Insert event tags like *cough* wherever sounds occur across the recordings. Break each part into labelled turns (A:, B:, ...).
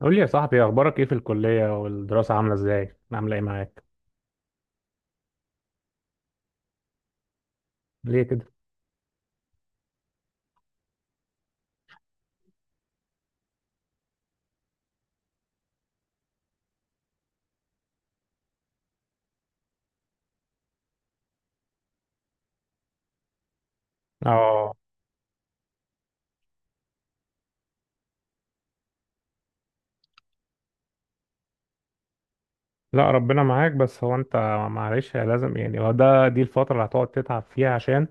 A: قول لي يا صاحبي، اخبارك ايه في الكليه والدراسه؟ عامله ازاي؟ عامله ايه معاك؟ ليه كده؟ اه. لا ربنا معاك. بس هو انت، معلش لازم، يعني هو ده، دي الفتره اللي هتقعد تتعب فيها عشان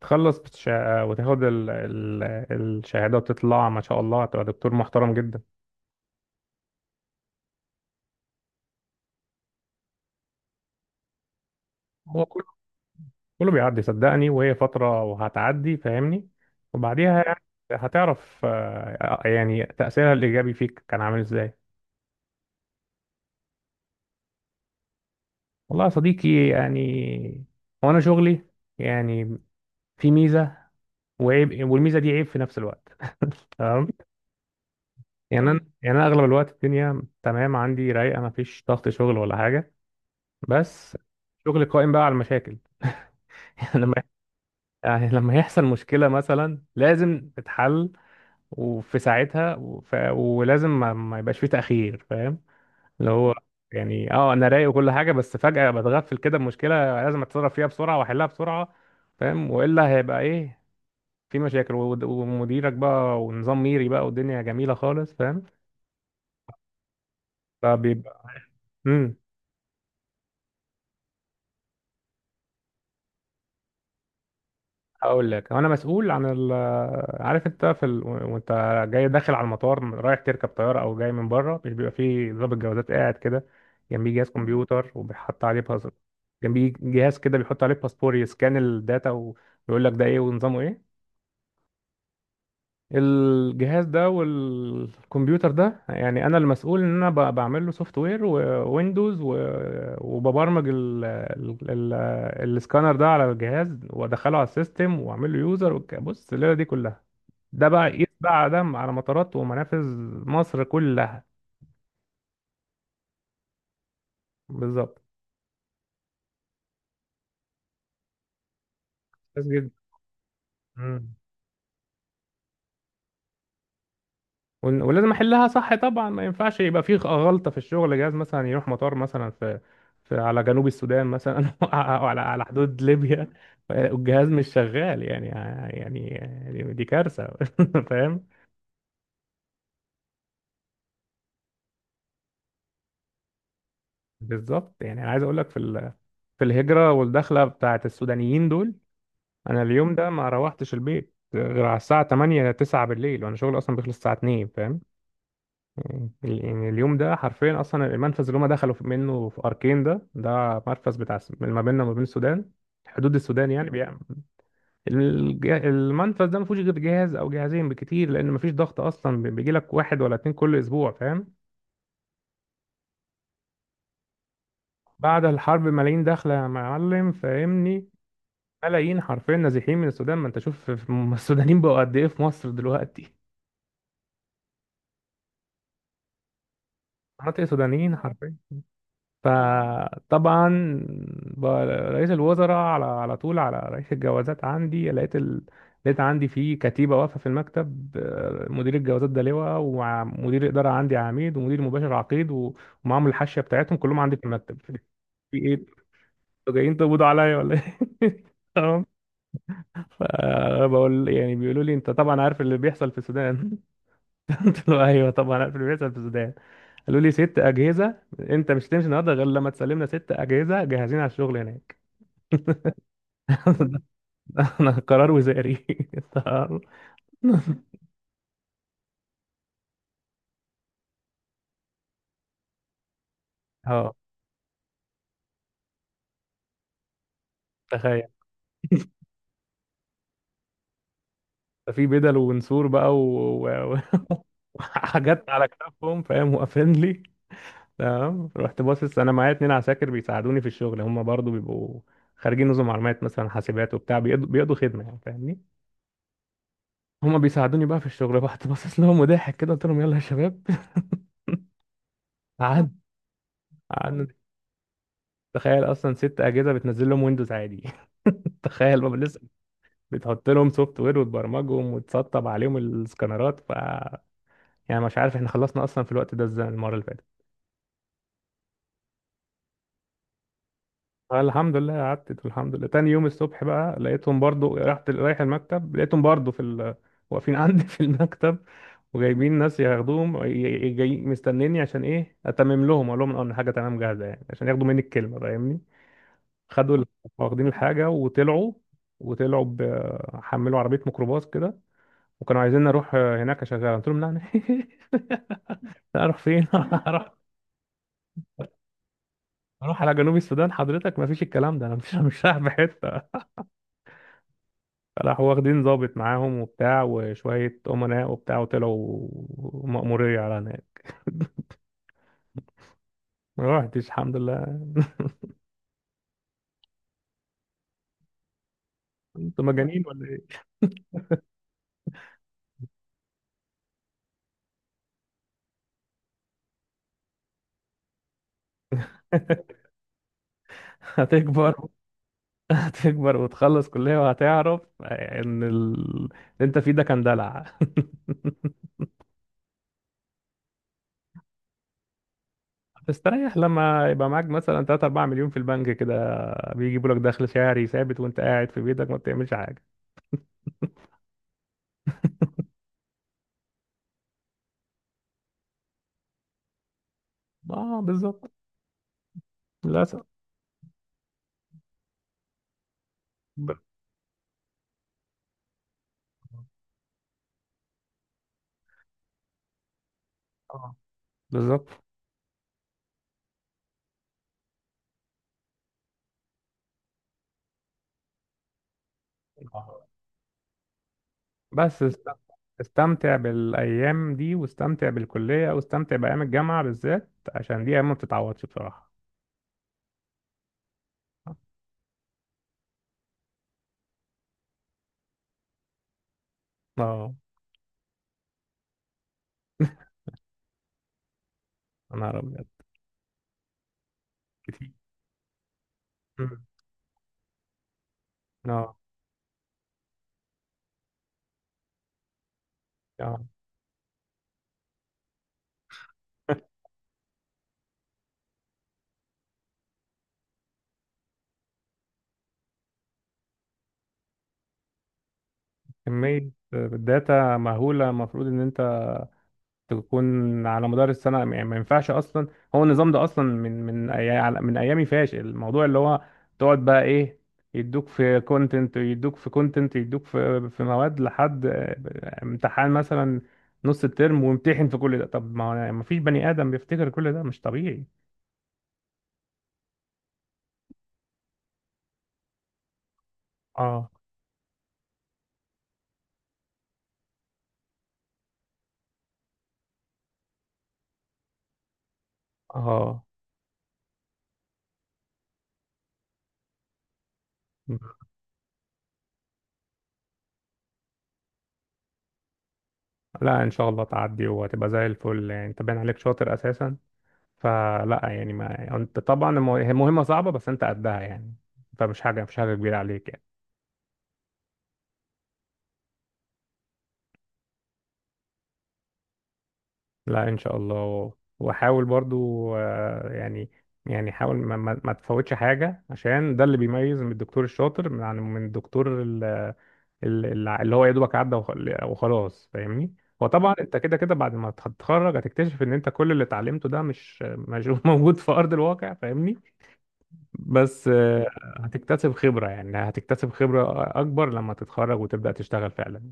A: تخلص وتاخد ال... ال... الشهاده، وتطلع ما شاء الله هتبقى دكتور محترم جدا. هو كله، كله بيعدي صدقني، وهي فتره وهتعدي فاهمني، وبعديها يعني هتعرف، آه، يعني تاثيرها الايجابي فيك كان عامل ازاي. والله يا صديقي يعني، هو انا شغلي يعني، في ميزه وعيب، والميزه دي عيب في نفس الوقت، تمام. يعني انا اغلب الوقت الدنيا تمام عندي، رايقه، ما فيش ضغط شغل ولا حاجه، بس شغل قائم بقى على المشاكل. *laughs* يعني لما يعني لما يحصل مشكله مثلا لازم تتحل وفي ساعتها، ولازم، ما يبقاش فيه تاخير، فاهم؟ اللي هو يعني اه انا رايق وكل حاجه، بس فجاه بتغفل كده بمشكله لازم اتصرف فيها بسرعه واحلها بسرعه، فاهم؟ والا هيبقى ايه. في مشاكل، ومديرك بقى ونظام ميري بقى، والدنيا جميلة خالص، فاهم؟ فبيبقى. امم هقول لك، انا مسؤول عن ال، عارف انت في ال... وانت جاي داخل على المطار رايح تركب طيارة، او جاي من بره، مش بيبقى فيه ضابط جوازات قاعد كده، جنبيه جهاز كمبيوتر وبيحط عليه باسبور، جنبيه جهاز كده بيحط عليه باسبور يسكان الداتا ويقول لك ده ايه ونظامه ايه؟ الجهاز ده والكمبيوتر ده، يعني انا المسؤول ان انا بعمل له سوفت وير وويندوز، وببرمج السكانر ده على الجهاز، وادخله على السيستم، واعمل له يوزر. بص الليله دي كلها ده بقى قيس بقى ده على مطارات ومنافذ مصر كلها. بالظبط. بس جدا. مم. ولازم احلها صح طبعا، ما ينفعش يبقى في غلطه في الشغل. جهاز مثلا يروح مطار مثلا في على جنوب السودان مثلا *laughs* او على حدود ليبيا والجهاز مش شغال، يعني يعني دي كارثه. *laughs* فاهم؟ بالظبط. يعني انا عايز اقول لك في ال... في الهجره والدخله بتاعت السودانيين دول، انا اليوم ده ما روحتش البيت غير على الساعه 8 9 بالليل، وانا شغلي اصلا بيخلص الساعه 2، فاهم؟ ال- يعني اليوم ده حرفيا، اصلا المنفذ اللي هم دخلوا منه في اركين ده، ده مرفز بتاع ما بيننا وما بين السودان، حدود السودان يعني، بيعمل. المنفذ ده ما فيهوش غير جهاز او جهازين بكتير، لان ما فيش ضغط اصلا، بيجي لك واحد ولا اتنين كل اسبوع، فاهم؟ بعد الحرب ملايين داخله يا معلم، فاهمني؟ ملايين حرفيا نازحين من السودان. ما انت شوف السودانيين بقوا قد ايه في مصر دلوقتي. مناطق سودانيين حرفيا. فطبعا بقى رئيس الوزراء على طول على رئيس الجوازات عندي، لقيت ال... لقيت عندي في كتيبة واقفة في المكتب، آه، مدير الجوازات ده لواء، ومدير الإدارة عندي عميد، ومدير مباشر عقيد، و- ومعاهم الحاشية بتاعتهم كلهم عندي في المكتب. *laughs* في ايه؟ انتوا جايين تقبضوا عليا ولا ايه؟ *laughs* تمام. فبقول يعني، بيقولوا لي انت طبعا عارف اللي بيحصل في السودان. *laughs* قلت له ايوه طبعا عارف اللي بيحصل في السودان. قالوا لي ست اجهزه، انت مش هتمشي النهارده غير لما تسلمنا ست اجهزه جاهزين على الشغل هناك. *laughs* انا قرار وزاري. *laughs* طب-. اه تخيل، في بدل ونسور بقى و... و... *laughs* وحاجات على كتافهم، فاهم؟ واقفين لي. تمام. رحت باصص، انا معايا اتنين عساكر بيساعدوني في الشغل، هم برضو بيبقوا خارجين نظم معلومات مثلا، حاسبات وبتاع، بيقضوا خدمه يعني، فاهمني؟ هم بيساعدوني بقى في الشغل. *laughs* رحت باصص لهم وضاحك كده قلت لهم يلا يا شباب. *laughs* قعد، قعدنا. تخيل اصلا ست اجهزه بتنزل لهم ويندوز عادي، *laughs* تخيل بقى لسه بتحط لهم سوفت وير وتبرمجهم وتسطب عليهم السكانرات. ف، يعني مش عارف احنا خلصنا اصلا في الوقت ده ازاي المره اللي فاتت. الحمد لله قعدت. الحمد لله تاني يوم الصبح بقى لقيتهم برضو، رحت رايح المكتب لقيتهم برضو في ال... واقفين *laughs* عندي في المكتب، وجايبين ناس ياخدوهم، جاي مستنيني عشان ايه؟ اتمم لهم، اقول لهم اه ان حاجه تمام جاهزه يعني، عشان ياخدوا مني الكلمه، فاهمني؟ خدوا ال-، واخدين الحاجة وطلعوا. وطلعوا حملوا عربية ميكروباص كده، وكانوا عايزين نروح هناك أشغلها. قلت لهم لا أنا *laughs* لا، أروح فين؟ *laughs* أروح أروح على جنوب السودان حضرتك؟ ما فيش الكلام ده، أنا مش رايح في حتة. راحوا واخدين ضابط معاهم وبتاع، وشوية أمناء وبتاع، وطلعوا مأمورية على هناك. ما رحتش الحمد لله. انتوا مجانين ولا ايه؟ *laughs* هتكبر. هتكبر وتخلص كلية، وهتعرف ان ال... اللي انت فيه ده كان دلع. *laughs* تستريح لما يبقى معاك مثلا 3 4 مليون في البنك كده بيجيبوا لك دخل شهري ثابت وانت قاعد في بيتك ما بتعملش حاجه. اه بالظبط. للاسف. ب-. آه، بالظبط. آه. بس است- استمتع بالايام دي، واستمتع بالكليه، واستمتع بايام الجامعه بالذات، عشان دي ايام ما بتتعوضش بصراحه. اه. *laughs* انا ابيض. كتير. مم. اه. اه. كميه داتا مهوله، المفروض ان انت تكون على مدار السنة، يعني ما ينفعش أصلا. هو النظام ده أصلا من من أيامي فاشل، الموضوع اللي هو تقعد بقى إيه، يدوك في كونتنت، يدوك في كونتنت، يدوك في في مواد لحد، آه، امتحان مثلا نص الترم، وامتحن في كل ده. طب ما ما فيش بني آدم بيفتكر كل ده، مش طبيعي. اه. اه. لا إن شاء الله تعدي، وهتبقى زي الفل، يعني أنت باين عليك شاطر أساسا، فلا يعني، ما انت طبعا المو-، هي مهمة صعبة بس انت قدها يعني، فمش حاجة، مش حاجة كبيرة عليك يعني. لا ان شاء الله. وحاول برضو، آه، يعني يعني حاول ما تفوتش حاجة، عشان ده اللي بيميز من الدكتور الشاطر عن الدكتور ال- اللي هو يا دوبك عدى وخلاص، فاهمني؟ وطبعا انت كده كده بعد ما تتخرج هتكتشف ان انت كل اللي اتعلمته ده مش *laughs* موجود في ارض الواقع، فاهمني؟ بس آه، هتكتسب خبرة، يعني هتكتسب خبرة أكبر لما تتخرج وتبدأ تشتغل فعلا.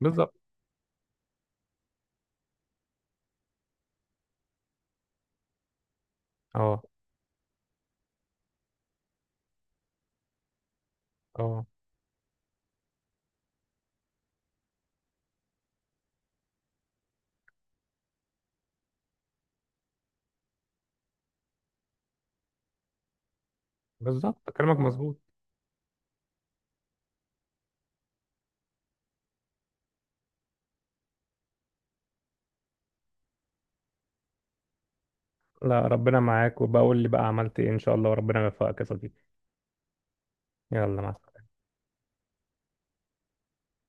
A: بالظبط. اه. اه بالظبط كلامك مظبوط. لا ربنا معاك، وبقول لي بقى عملت ايه إن شاء الله، وربنا يوفقك يا صديقي. يلا، مع السلامة.